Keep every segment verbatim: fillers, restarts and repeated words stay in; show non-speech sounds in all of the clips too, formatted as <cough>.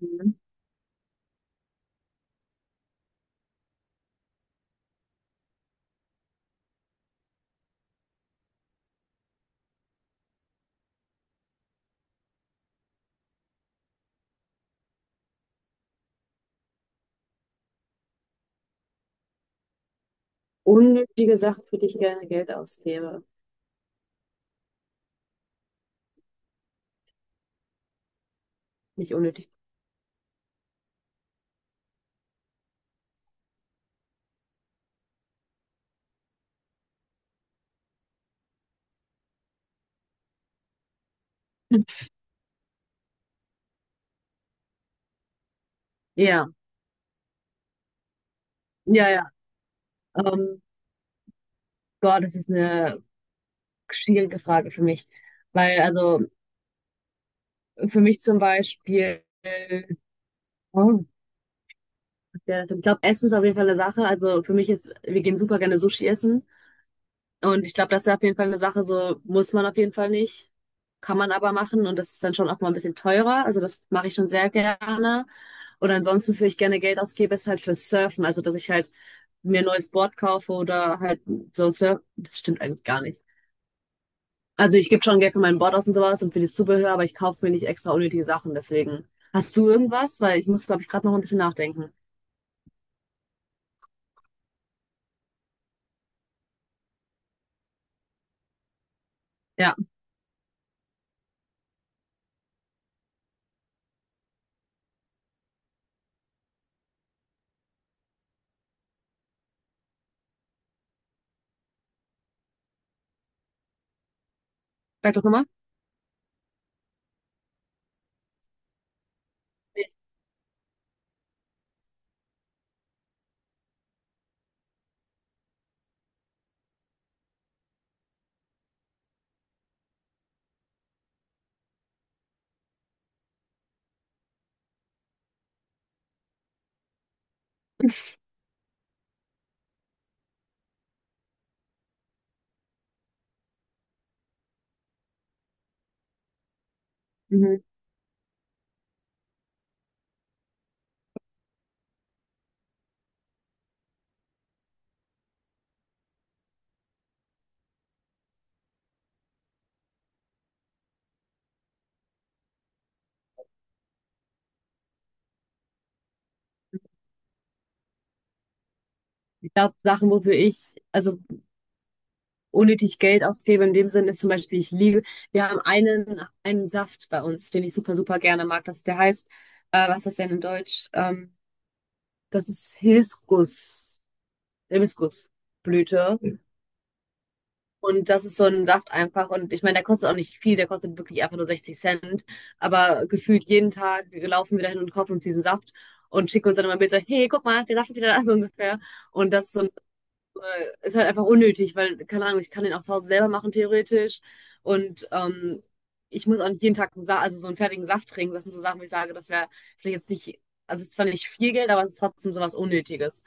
Mhm. Unnötige Sachen, für die ich gerne Geld ausgebe. Nicht unnötig. <laughs> Ja, ja, ja. Ähm, Gott, das ist eine schwierige Frage für mich. Weil, also, für mich zum Beispiel, oh, ja, ich glaube, Essen ist auf jeden Fall eine Sache. Also, für mich ist, wir gehen super gerne Sushi essen. Und ich glaube, das ist ja auf jeden Fall eine Sache, so muss man auf jeden Fall nicht, kann man aber machen und das ist dann schon auch mal ein bisschen teurer. Also das mache ich schon sehr gerne. Und ansonsten, wofür ich gerne Geld ausgebe, ist halt für Surfen. Also, dass ich halt mir ein neues Board kaufe oder halt so Surf. Das stimmt eigentlich gar nicht. Also, ich gebe schon Geld für mein Board aus und sowas und für das Zubehör, aber ich kaufe mir nicht extra unnötige Sachen. Deswegen, hast du irgendwas? Weil ich muss, glaube ich, gerade noch ein bisschen nachdenken. Ja, sag das nochmal. Nee. Mhm. Ich glaube, Sachen, wofür ich, also unnötig Geld ausgebe. In dem Sinne ist zum Beispiel, ich liebe, wir haben einen, einen Saft bei uns, den ich super, super gerne mag. Das, der heißt, äh, was ist das denn in Deutsch? Ähm, das ist Hibiskus, Hibiskusblüte. Und das ist so ein Saft einfach. Und ich meine, der kostet auch nicht viel, der kostet wirklich einfach nur 60 Cent. Aber gefühlt jeden Tag laufen wir dahin und kaufen uns diesen Saft und schicken uns dann immer ein Bild so, hey, guck mal, der Saft ist wieder da, so ungefähr. Und das ist so Äh, ist halt einfach unnötig, weil, keine Ahnung, ich kann den auch zu Hause selber machen, theoretisch. Und ähm, ich muss auch nicht jeden Tag einen Sa also so einen fertigen Saft trinken. Das sind so Sachen, wo ich sage, das wäre vielleicht jetzt nicht, also es ist zwar nicht viel Geld, aber es ist trotzdem sowas Unnötiges.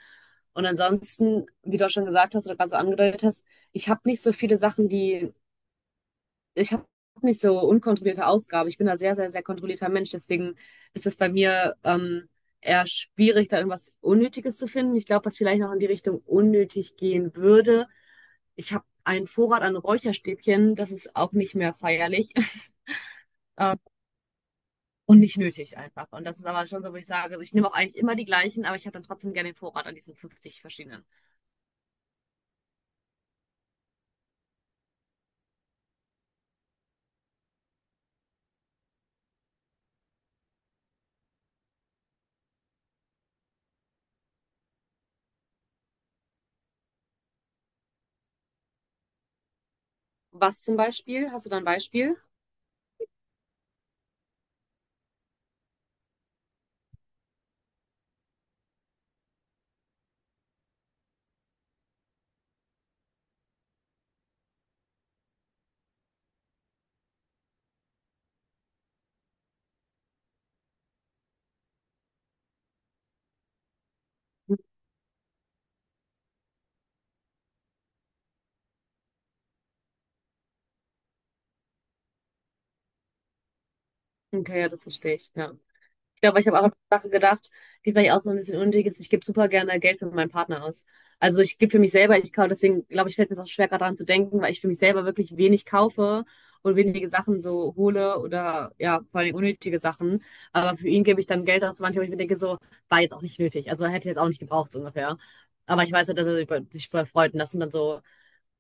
Und ansonsten, wie du auch schon gesagt hast oder gerade so angedeutet hast, ich habe nicht so viele Sachen, die ich habe nicht so unkontrollierte Ausgabe. Ich bin da sehr, sehr, sehr kontrollierter Mensch. Deswegen ist es bei mir ähm, eher schwierig, da irgendwas Unnötiges zu finden. Ich glaube, was vielleicht noch in die Richtung unnötig gehen würde. Ich habe einen Vorrat an Räucherstäbchen. Das ist auch nicht mehr feierlich. <laughs> Ähm, und nicht nötig einfach. Und das ist aber schon so, wo ich sage, also ich nehme auch eigentlich immer die gleichen, aber ich habe dann trotzdem gerne den Vorrat an diesen fünfzig verschiedenen. Was zum Beispiel? Hast du da ein Beispiel? Hm. Okay, ja, das verstehe ich. Ja. Ich glaube, ich habe auch an Sachen gedacht, die vielleicht auch so ein bisschen unnötig ist. Ich gebe super gerne Geld für meinen Partner aus. Also ich gebe für mich selber, ich kaufe, deswegen glaube ich, fällt mir es auch schwer, gerade daran zu denken, weil ich für mich selber wirklich wenig kaufe und wenige Sachen so hole oder ja, vor allem unnötige Sachen. Aber für ihn gebe ich dann Geld aus, manchmal, wo ich mir denke, so, war jetzt auch nicht nötig. Also hätte ich jetzt auch nicht gebraucht, so ungefähr. Aber ich weiß ja, dass er sich über- sich darüber freut und das sind dann so,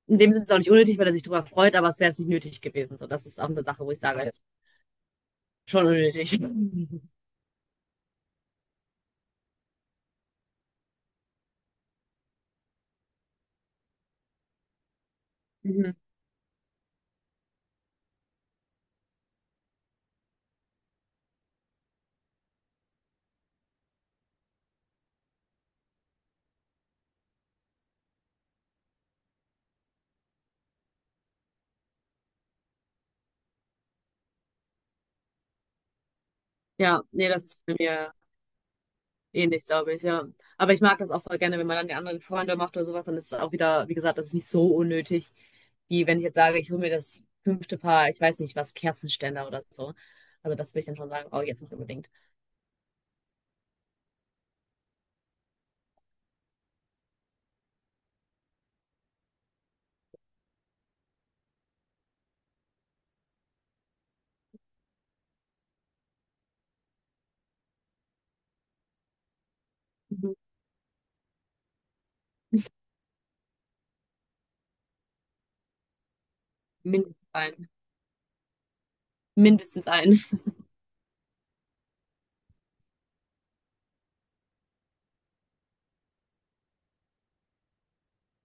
in dem Sinne ist es auch nicht unnötig, weil er sich darüber freut, aber es wäre jetzt nicht nötig gewesen. So, das ist auch eine Sache, wo ich sage, schon unnötig. <laughs> Mhm. Ja, nee, das ist bei mir ähnlich, glaube ich, ja. Aber ich mag das auch voll gerne, wenn man dann die anderen Freunde macht oder sowas, dann ist es auch wieder, wie gesagt, das ist nicht so unnötig, wie wenn ich jetzt sage, ich hole mir das fünfte Paar, ich weiß nicht was, Kerzenständer oder so. Also das würde ich dann schon sagen, oh, jetzt nicht unbedingt. Mhm. Mindestens ein. Mindestens ein. <laughs>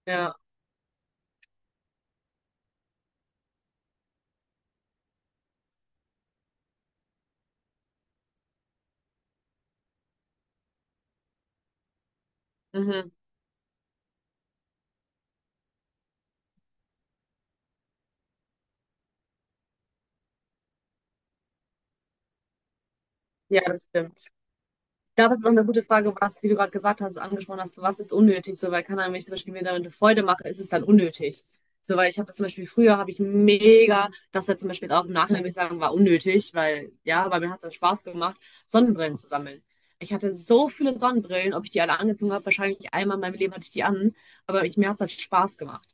Ja. Mhm. Ja, das stimmt. Ich glaube, es ist auch eine gute Frage, was, wie du gerade gesagt hast, angesprochen hast, was ist unnötig? So, weil, keine Ahnung, wenn ich zum Beispiel mir damit eine Freude mache, ist es dann unnötig. So, weil ich habe das zum Beispiel früher, habe ich mega, das jetzt zum Beispiel jetzt auch im Nachhinein würde ich sagen, war unnötig, weil, ja, weil mir hat es dann Spaß gemacht, Sonnenbrillen zu sammeln. Ich hatte so viele Sonnenbrillen, ob ich die alle angezogen habe, wahrscheinlich einmal in meinem Leben hatte ich die an, aber ich, mir hat es halt Spaß gemacht.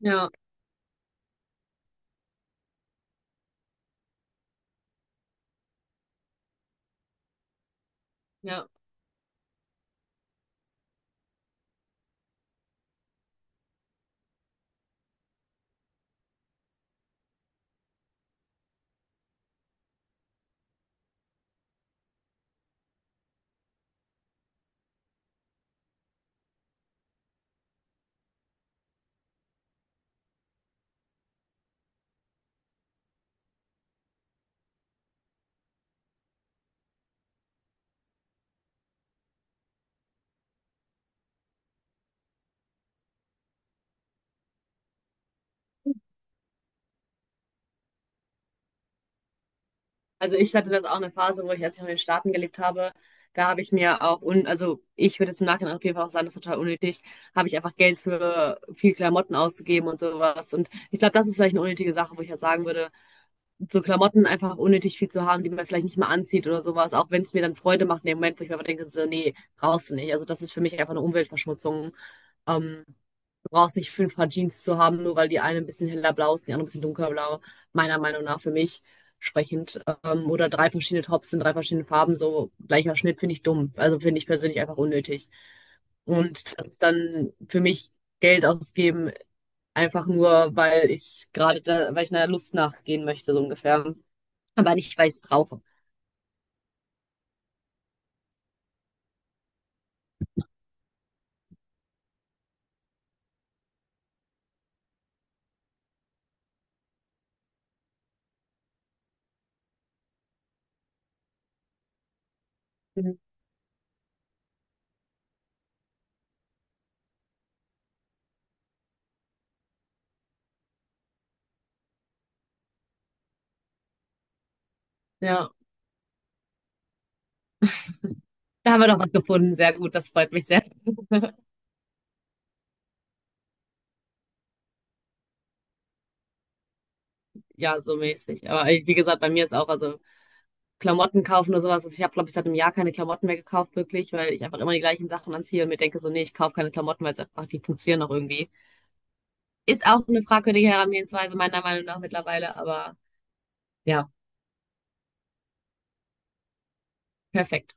Ja, ja. Also ich hatte das auch eine Phase, wo ich, als ich noch in den Staaten gelebt habe, da habe ich mir auch, un also ich würde jetzt im Nachhinein auf jeden Fall auch sagen, das ist total unnötig, habe ich einfach Geld für viel Klamotten ausgegeben und sowas. Und ich glaube, das ist vielleicht eine unnötige Sache, wo ich halt sagen würde, so Klamotten einfach unnötig viel zu haben, die man vielleicht nicht mal anzieht oder sowas, auch wenn es mir dann Freude macht in dem Moment, wo ich mir aber denke, so, nee, brauchst du nicht. Also das ist für mich einfach eine Umweltverschmutzung. Ähm, Du brauchst nicht fünf Paar Jeans zu haben, nur weil die eine ein bisschen heller blau ist und die andere ein bisschen dunkelblau. Meiner Meinung nach für mich sprechend. Ähm, oder drei verschiedene Tops in drei verschiedenen Farben, so gleicher Schnitt finde ich dumm. Also finde ich persönlich einfach unnötig. Und das ist dann für mich Geld ausgeben, einfach nur, weil ich gerade da, weil ich einer Lust nachgehen möchte, so ungefähr. Aber nicht, weil ich es brauche. Mhm. Ja, da haben wir doch was gefunden. Sehr gut, das freut mich sehr. Ja, so mäßig. Aber ich, wie gesagt, bei mir ist auch, also Klamotten kaufen oder sowas. Also ich habe, glaube ich, seit einem Jahr keine Klamotten mehr gekauft, wirklich, weil ich einfach immer die gleichen Sachen anziehe und mir denke so, nee, ich kaufe keine Klamotten, weil es einfach, die funktionieren noch irgendwie. Ist auch eine fragwürdige Herangehensweise, meiner Meinung nach mittlerweile, aber ja, perfekt.